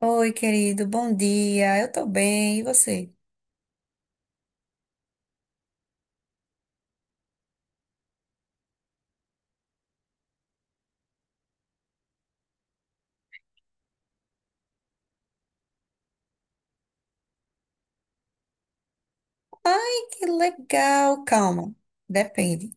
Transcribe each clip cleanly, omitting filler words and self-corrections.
Oi, querido, bom dia. Eu tô bem, e você? Ai, que legal. Calma, depende.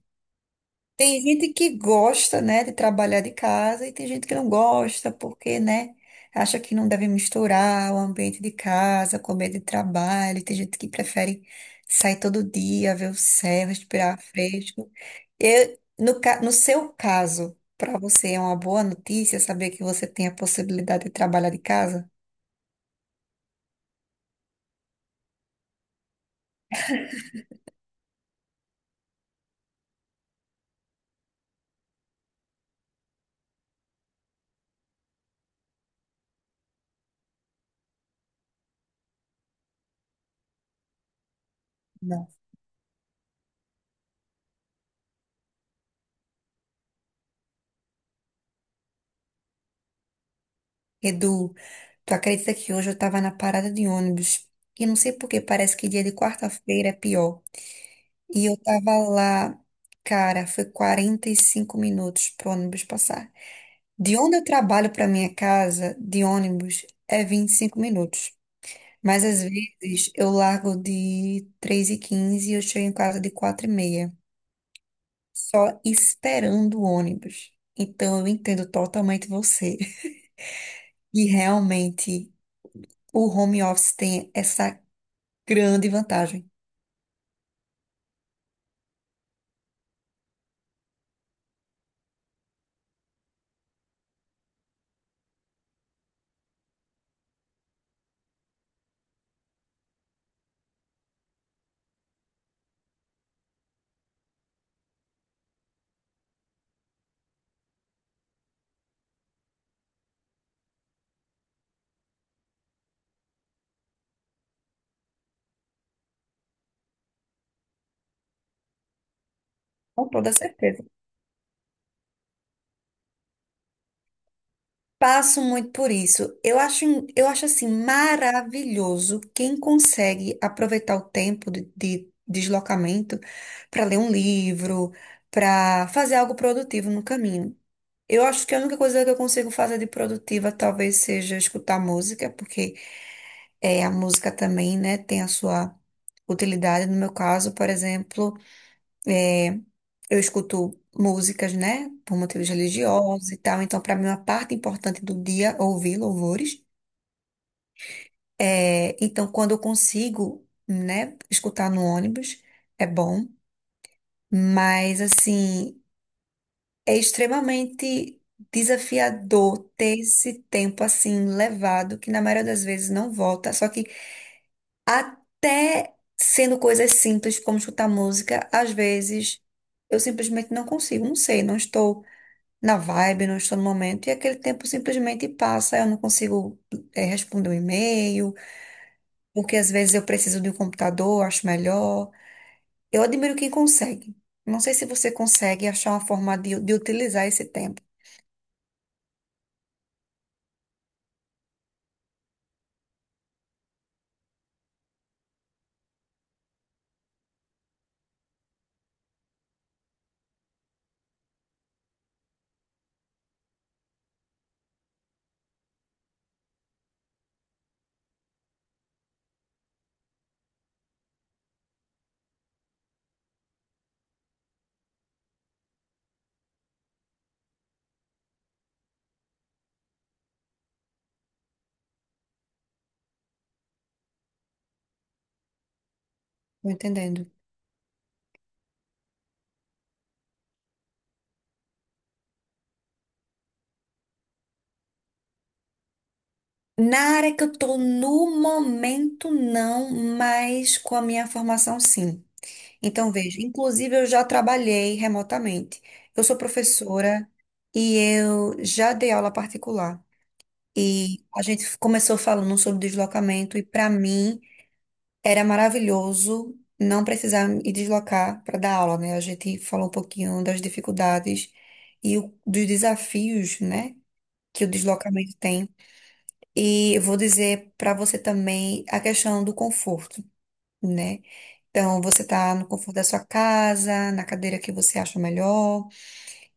Tem gente que gosta, né, de trabalhar de casa e tem gente que não gosta porque, né, acha que não deve misturar o ambiente de casa com o ambiente de trabalho. Tem gente que prefere sair todo dia, ver o céu, respirar fresco. Eu, no, ca- No seu caso, para você é uma boa notícia saber que você tem a possibilidade de trabalhar de casa? Não. Edu. Tu acredita que hoje eu tava na parada de ônibus e não sei por que, parece que dia de quarta-feira é pior. E eu tava lá, cara, foi 45 minutos pro ônibus passar. De onde eu trabalho pra minha casa, de ônibus, é 25 minutos. Mas às vezes eu largo de 3:15 e eu chego em casa de 4:30, só esperando o ônibus. Então eu entendo totalmente você. E realmente o home office tem essa grande vantagem. Com toda certeza. Passo muito por isso. Eu acho assim maravilhoso quem consegue aproveitar o tempo de deslocamento para ler um livro, para fazer algo produtivo no caminho. Eu acho que a única coisa que eu consigo fazer de produtiva talvez seja escutar música, porque é, a música também, né, tem a sua utilidade. No meu caso, por exemplo. Eu escuto músicas, né, por motivos religiosos e tal, então para mim uma parte importante do dia é ouvir louvores. É, então quando eu consigo, né, escutar no ônibus é bom, mas assim, é extremamente desafiador ter esse tempo assim levado, que na maioria das vezes não volta, só que até sendo coisas simples como escutar música, às vezes eu simplesmente não consigo, não sei, não estou na vibe, não estou no momento, e aquele tempo simplesmente passa, eu não consigo responder um e-mail, porque às vezes eu preciso de um computador, acho melhor. Eu admiro quem consegue. Não sei se você consegue achar uma forma de utilizar esse tempo, tô entendendo? Na área que eu estou no momento, não, mas com a minha formação, sim. Então, veja, inclusive eu já trabalhei remotamente. Eu sou professora e eu já dei aula particular. E a gente começou falando sobre deslocamento, e para mim era maravilhoso não precisar me deslocar para dar aula, né? A gente falou um pouquinho das dificuldades e dos desafios, né, que o deslocamento tem. E eu vou dizer para você também a questão do conforto, né? Então, você tá no conforto da sua casa, na cadeira que você acha melhor.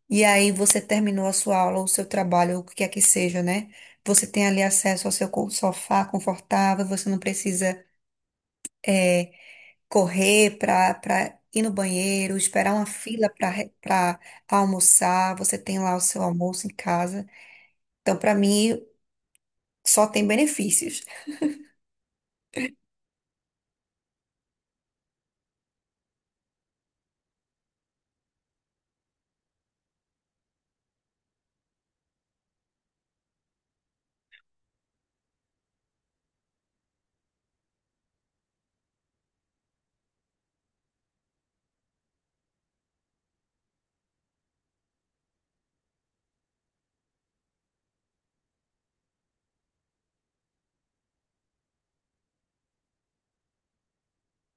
E aí você terminou a sua aula, o seu trabalho, o que quer que seja, né? Você tem ali acesso ao seu sofá confortável, você não precisa eh, correr para ir no banheiro, esperar uma fila para almoçar, você tem lá o seu almoço em casa. Então, para mim, só tem benefícios.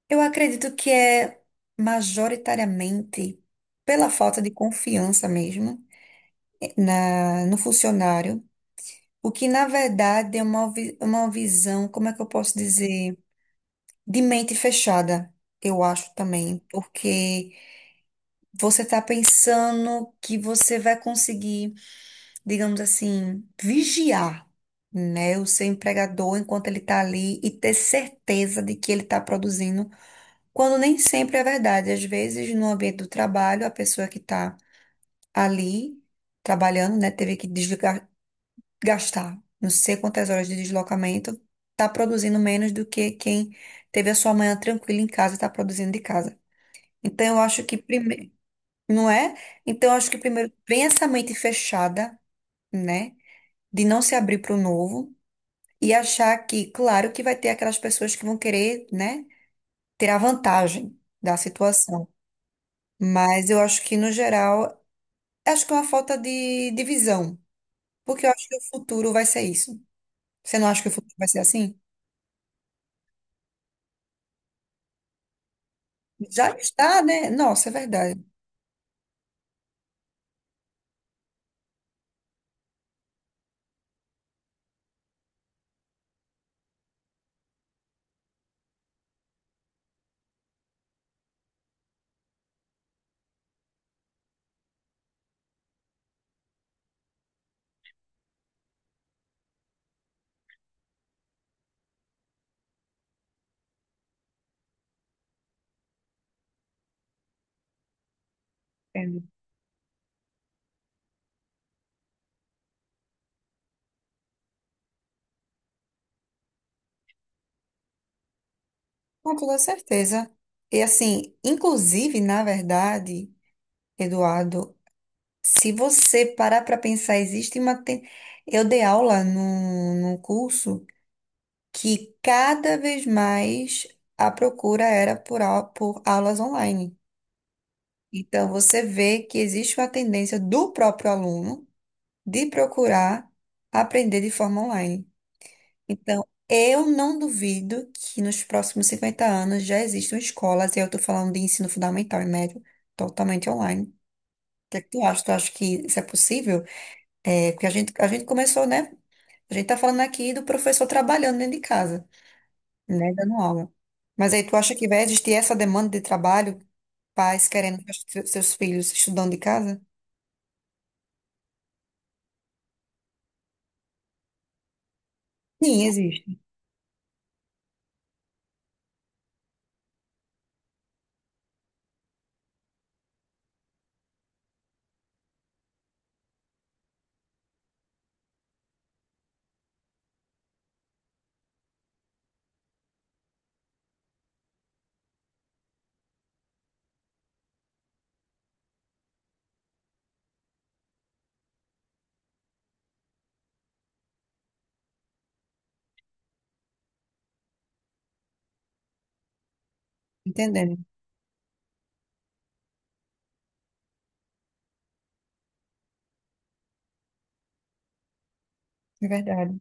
Eu acredito que é majoritariamente pela falta de confiança mesmo no funcionário. O que, na verdade, é é uma visão, como é que eu posso dizer? De mente fechada, eu acho também. Porque você está pensando que você vai conseguir, digamos assim, vigiar, né, o seu empregador enquanto ele está ali e ter certeza de que ele está produzindo, quando nem sempre é verdade. Às vezes, no ambiente do trabalho, a pessoa que está ali trabalhando, né, teve que desligar, gastar não sei quantas horas de deslocamento, tá produzindo menos do que quem teve a sua manhã tranquila em casa e tá produzindo de casa. Então eu acho que primeiro, não é? Então eu acho que primeiro vem essa mente fechada, né, de não se abrir para o novo e achar que, claro, que vai ter aquelas pessoas que vão querer, né, ter a vantagem da situação. Mas eu acho que no geral, acho que é uma falta de visão, porque eu acho que o futuro vai ser isso. Você não acha que o futuro vai ser assim? Já está, né? Nossa, é verdade. Entende? Com toda certeza. E assim, inclusive, na verdade, Eduardo, se você parar para pensar, existe Eu dei aula num curso que cada vez mais a procura era por aulas online. Então, você vê que existe uma tendência do próprio aluno de procurar aprender de forma online. Então, eu não duvido que nos próximos 50 anos já existam escolas, e eu estou falando de ensino fundamental e médio, totalmente online. O que é que tu acha? Tu acha que isso é possível? É, porque a gente começou, né? A gente tá falando aqui do professor trabalhando dentro de casa, né? Dando aula. Mas aí tu acha que vai existir essa demanda de trabalho, pais querendo que os seus filhos estudando de casa? Sim, existe. Entendendo. É verdade.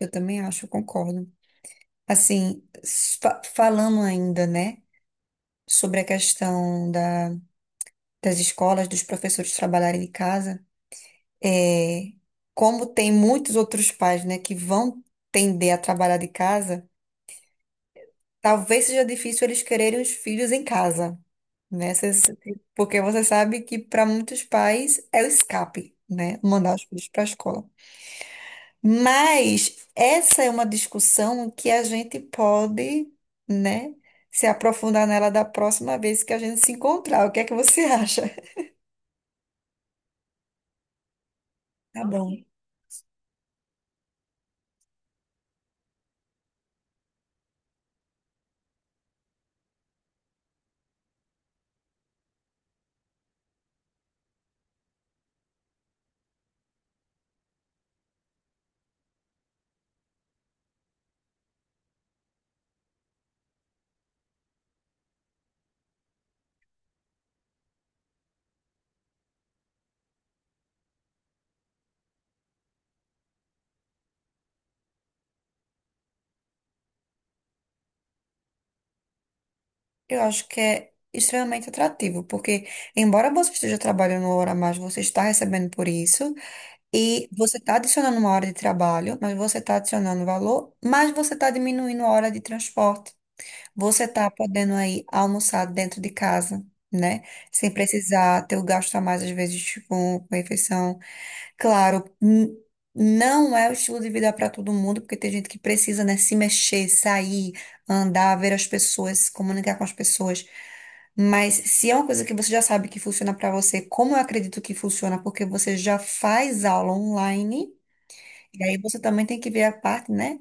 Eu também acho, eu concordo. Assim, falando ainda, né, sobre a questão das escolas, dos professores trabalharem de casa, é, como tem muitos outros pais, né, que vão tender a trabalhar de casa, talvez seja difícil eles quererem os filhos em casa, né? Cês- Porque você sabe que para muitos pais é o escape, né, mandar os filhos para a escola. Mas essa é uma discussão que a gente pode, né, se aprofundar nela da próxima vez que a gente se encontrar. O que é que você acha? Tá bom. Eu acho que é extremamente atrativo, porque embora você esteja trabalhando uma hora a mais, você está recebendo por isso, e você está adicionando uma hora de trabalho, mas você está adicionando valor, mas você está diminuindo a hora de transporte. Você está podendo aí almoçar dentro de casa, né? Sem precisar ter o gasto a mais, às vezes, com refeição. Claro, não é o estilo de vida para todo mundo, porque tem gente que precisa, né, se mexer, sair, andar, ver as pessoas, se comunicar com as pessoas. Mas se é uma coisa que você já sabe que funciona para você, como eu acredito que funciona, porque você já faz aula online, e aí você também tem que ver a parte, né,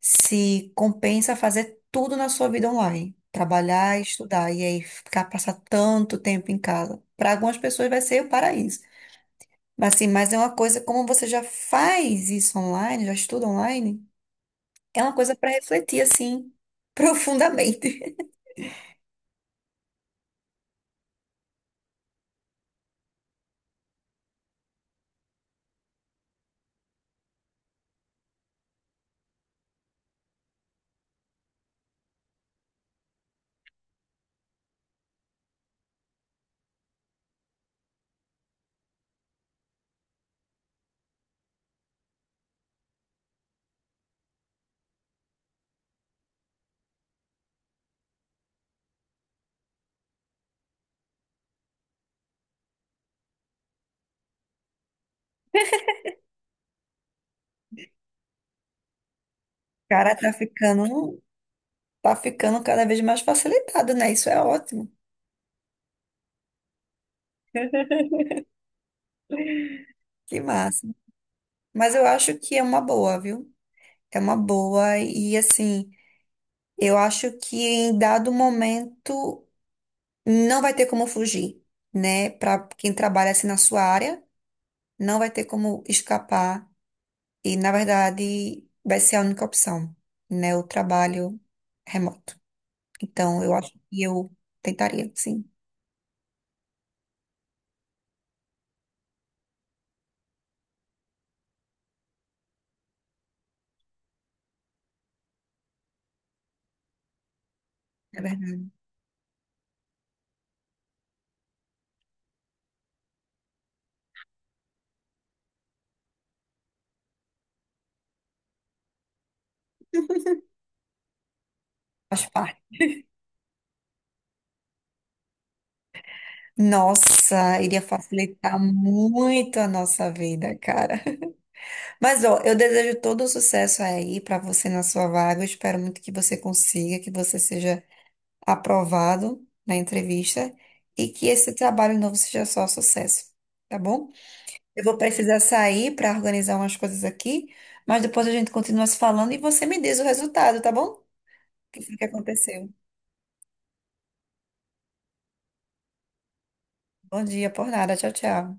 se compensa fazer tudo na sua vida online, trabalhar, estudar, e aí ficar passar tanto tempo em casa. Para algumas pessoas vai ser o paraíso. Assim, mas é uma coisa, como você já faz isso online, já estuda online, é uma coisa para refletir, assim, profundamente. Cara, tá ficando cada vez mais facilitado, né? Isso é ótimo. Que massa. Mas eu acho que é uma boa, viu? É uma boa. E, assim, eu acho que em dado momento não vai ter como fugir, né? Para quem trabalha assim na sua área, não vai ter como escapar. E, na verdade, vai ser a única opção, né? O trabalho remoto. Então, eu acho que eu tentaria, sim, é verdade. Faz parte. Nossa, iria facilitar muito a nossa vida, cara. Mas, ó, eu desejo todo o sucesso aí pra você na sua vaga. Eu espero muito que você consiga, que você seja aprovado na entrevista e que esse trabalho novo seja só sucesso, tá bom? Eu vou precisar sair para organizar umas coisas aqui, mas depois a gente continua se falando e você me diz o resultado, tá bom? O que foi que aconteceu? Bom dia, por nada. Tchau, tchau.